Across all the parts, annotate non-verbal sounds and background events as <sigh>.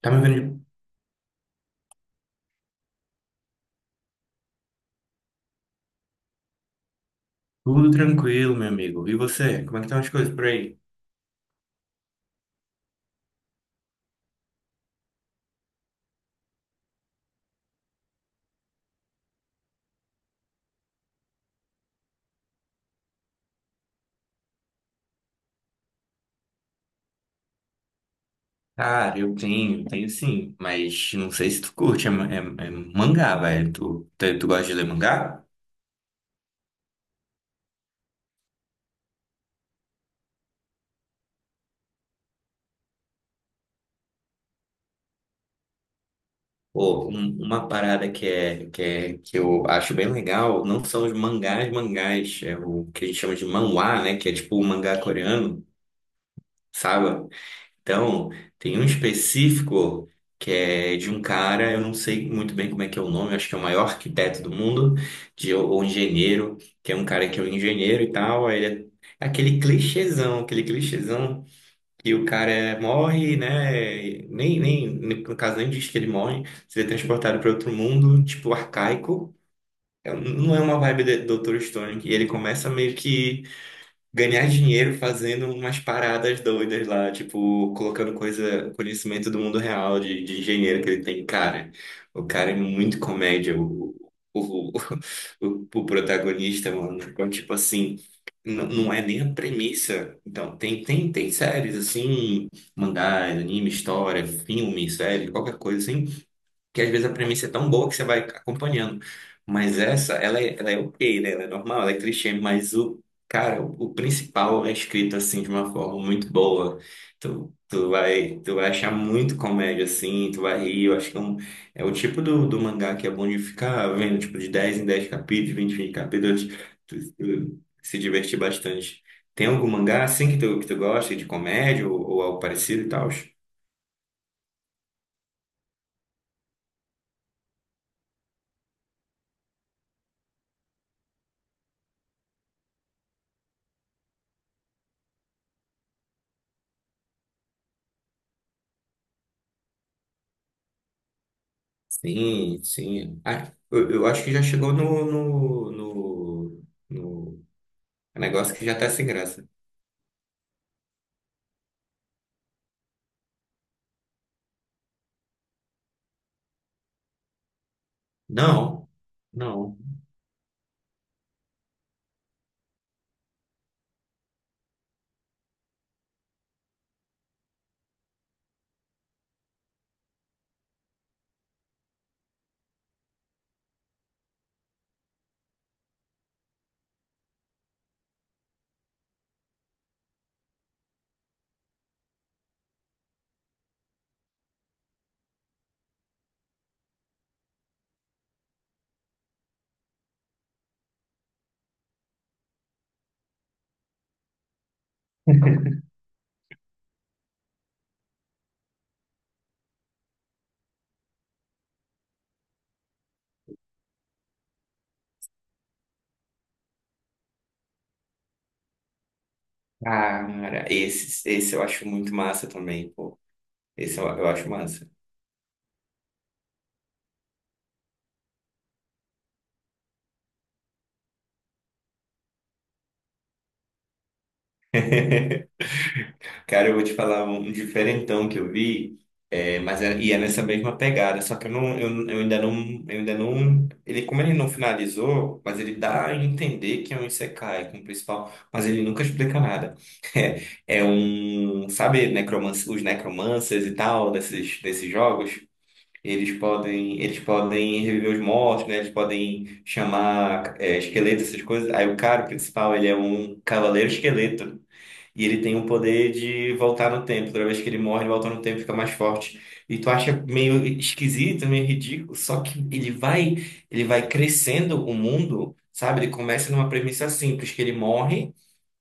Tá me vendo de- Tudo tranquilo, meu amigo. E você? Como é que estão as coisas por aí? Cara, eu tenho sim, mas não sei se tu curte, é mangá, velho. Tu gosta de ler mangá? Pô, uma parada que eu acho bem legal não são os mangás, é o que a gente chama de manhwa, né? Que é tipo o mangá coreano, sabe? Então, tem um específico que é de um cara, eu não sei muito bem como é que é o nome, acho que é o maior arquiteto do mundo, de, ou engenheiro, que é um cara que é um engenheiro e tal, aí ele é aquele clichêzão que o cara morre, né? Nem, nem, No caso nem diz que ele morre, seria transportado para outro mundo, tipo arcaico. É, não é uma vibe de Dr. Stone, que ele começa meio que ganhar dinheiro fazendo umas paradas doidas lá, tipo, colocando coisa, conhecimento do mundo real de engenheiro que ele tem. Cara, o cara é muito comédia, o, <laughs> o protagonista, mano. Então, tipo assim, não é nem a premissa. Então, tem séries assim, mangás, anime, história, filme, série, qualquer coisa assim que às vezes a premissa é tão boa que você vai acompanhando. Mas essa, ela é ok, né? Ela é normal, ela é clichê, mas cara, o principal é escrito assim de uma forma muito boa. Tu vai achar muito comédia assim, tu vai rir. Eu acho que é é o tipo do mangá que é bom de ficar vendo, tipo, de 10 em 10 capítulos, 20 em 20 capítulos, tu se divertir bastante. Tem algum mangá assim que tu gosta de comédia ou algo parecido e tal? Sim, sim. Ah, eu acho que já chegou no negócio que já tá sem graça. Não, não. <laughs> Ah, cara, esse eu acho muito massa também, pô. Esse eu acho massa. <laughs> Cara, eu vou te falar um um diferentão que eu vi, é nessa mesma pegada, só que eu ainda não, ele como ele não finalizou, mas ele dá a entender que é um isekai como principal, mas ele nunca explica nada. <laughs> É, é um, sabe, os necromancers e tal desses jogos, eles podem reviver os mortos, né? Eles podem chamar é, esqueletos, essas coisas. Aí o cara principal, ele é um cavaleiro esqueleto. E ele tem o poder de voltar no tempo. Toda vez que ele morre, ele volta no tempo e fica mais forte. E tu acha meio esquisito, meio ridículo, só que ele vai crescendo o mundo, sabe? Ele começa numa premissa simples, que ele morre,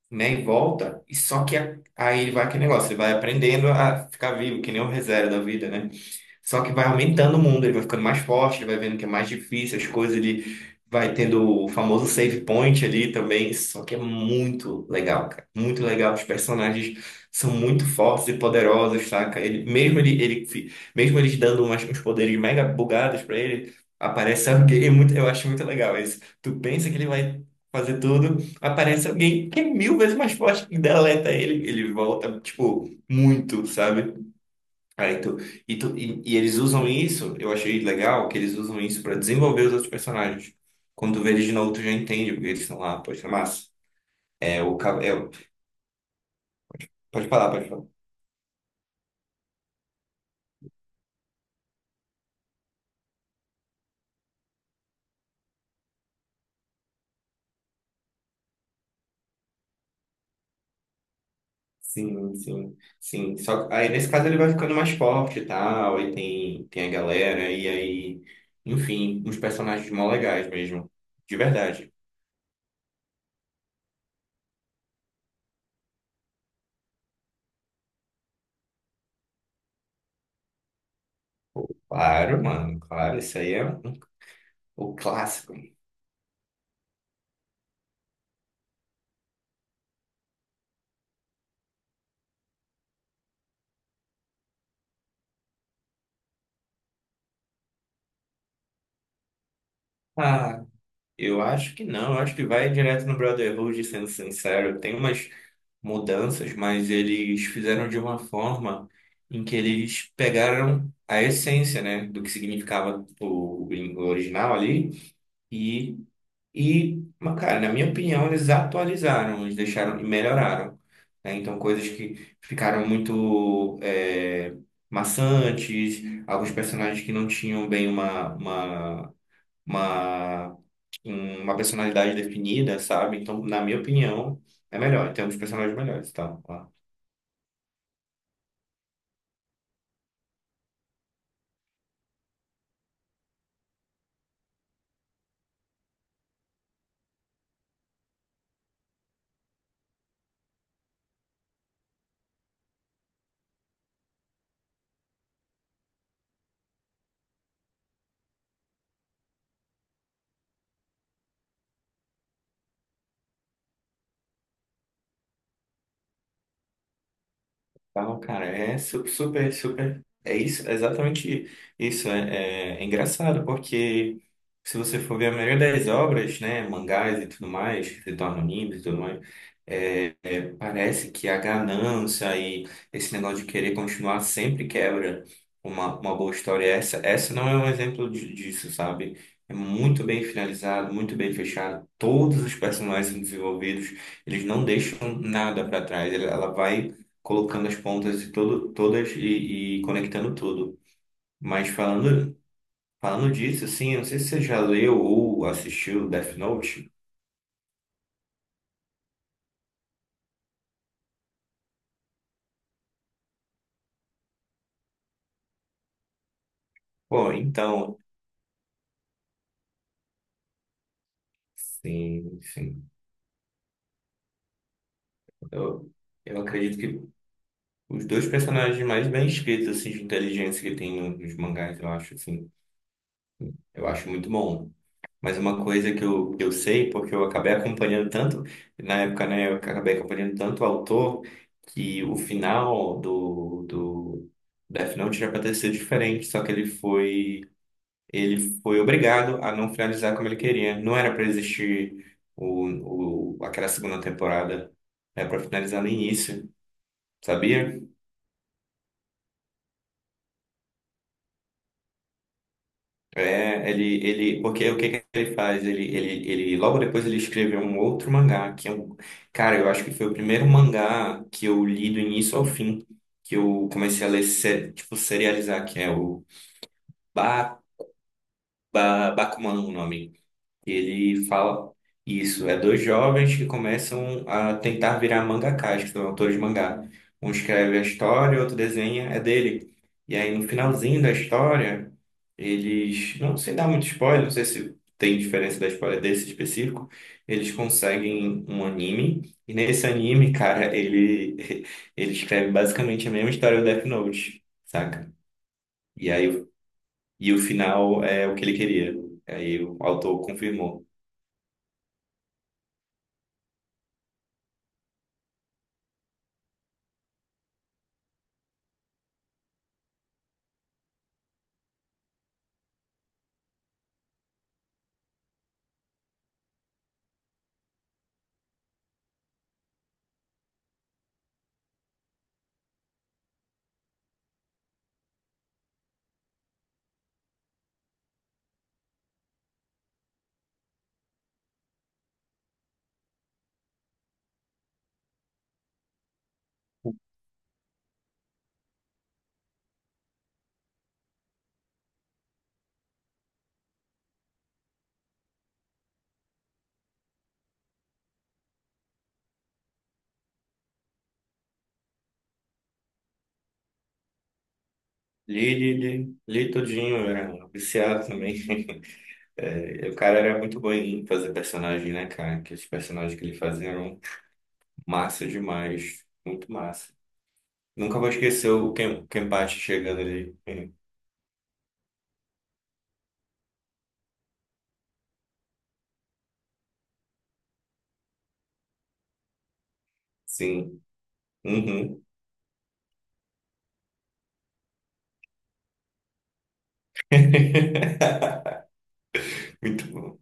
né, e volta, e só que aí ele vai aquele negócio, ele vai aprendendo a ficar vivo, que nem o reserva da vida, né? Só que vai aumentando o mundo, ele vai ficando mais forte, ele vai vendo que é mais difícil, as coisas, ele vai tendo o famoso save point ali também. Só que é muito legal, cara. Muito legal. Os personagens são muito fortes e poderosos, saca? Ele, mesmo ele, ele, fi- Mesmo eles dando umas, uns poderes mega bugados pra ele, aparece alguém. É muito, eu acho muito legal isso. Tu pensa que ele vai fazer tudo, aparece alguém que é mil vezes mais forte e deleta ele. Ele volta, tipo, muito, sabe? Aí tu, e, tu, e, E eles usam isso, eu achei legal que eles usam isso pra desenvolver os outros personagens. Quando tu vê eles de novo, tu já entende porque eles estão lá, pode ser massa. É o ca- é, o- Pode falar, pode falar. Sim, sim, sim. Só que aí nesse caso ele vai ficando mais forte e tal, e tem a galera, e aí, enfim, uns personagens mó legais mesmo. De verdade. Claro, mano, claro, o clássico. Ah, eu acho que não, eu acho que vai direto no Brotherhood, sendo sincero. Tem umas mudanças, mas eles fizeram de uma forma em que eles pegaram a essência, né, do que significava o gringo original ali e e, mas, cara, na minha opinião, eles atualizaram, eles deixaram e melhoraram, né? Então coisas que ficaram muito é, maçantes, alguns personagens que não tinham bem Uma, uma personalidade definida, sabe? Então, na minha opinião, é melhor. Temos personagens melhores, tá? Tal, cara, super, super. É isso, é exatamente isso. É engraçado, porque se você for ver a maioria das obras, né, mangás e tudo mais, que se tornam animes e tudo mais. Parece que a ganância e esse negócio de querer continuar sempre quebra uma boa história. Essa não é um exemplo disso, sabe? É muito bem finalizado, muito bem fechado. Todos os personagens desenvolvidos, eles não deixam nada para trás. Ela vai colocando as pontas de todas e conectando tudo. Mas falando disso, assim, eu não sei se você já leu ou assistiu Death Note. Pô, então, sim, sim. Eu- eu acredito que os dois personagens mais bem escritos, assim, de inteligência que tem nos mangás, eu acho, assim, eu acho muito bom. Mas uma coisa que eu sei, porque eu acabei acompanhando tanto, na época, né, eu acabei acompanhando tanto o autor, que o final do Death Note era pra ter sido diferente, só que ele foi obrigado a não finalizar como ele queria. Não era pra existir aquela segunda temporada, era pra finalizar no início, sabia? É, porque o que que ele faz? Ele, logo depois ele escreveu um outro mangá, que é um, cara, eu acho que foi o primeiro mangá que eu li do início ao fim, que eu comecei a ler, tipo, serializar, que é o ba, Bakuman, o nome. Ele fala isso, é dois jovens que começam a tentar virar mangakás, que são autores de mangá. Um escreve a história, outro desenha, é dele. E aí no finalzinho da história, eles, não sei dar muito spoiler, não sei se tem diferença da história desse específico, eles conseguem um anime, e nesse anime, cara, ele <laughs> ele escreve basicamente a mesma história do Death Note, saca? E aí o- e o final é o que ele queria. Aí o autor confirmou. Li, li, li, li tudinho, eu era viciado também. <laughs> É, e o cara era muito bom em fazer personagem, né, cara? Que os personagens que ele fazia eram massa demais, muito massa. Nunca vou esquecer o Kenpachi chegando ali. Sim. Uhum. <laughs> Muito bom.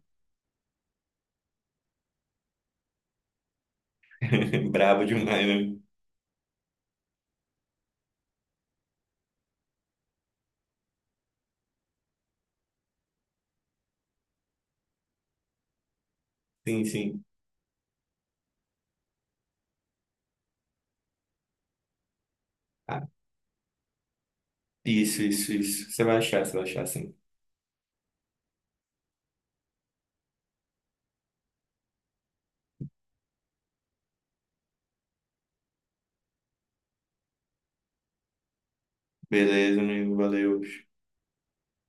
<laughs> Brabo demais, né? Sim, sim. Ah, isso. Você vai achar, sim. Beleza, amigo, valeu.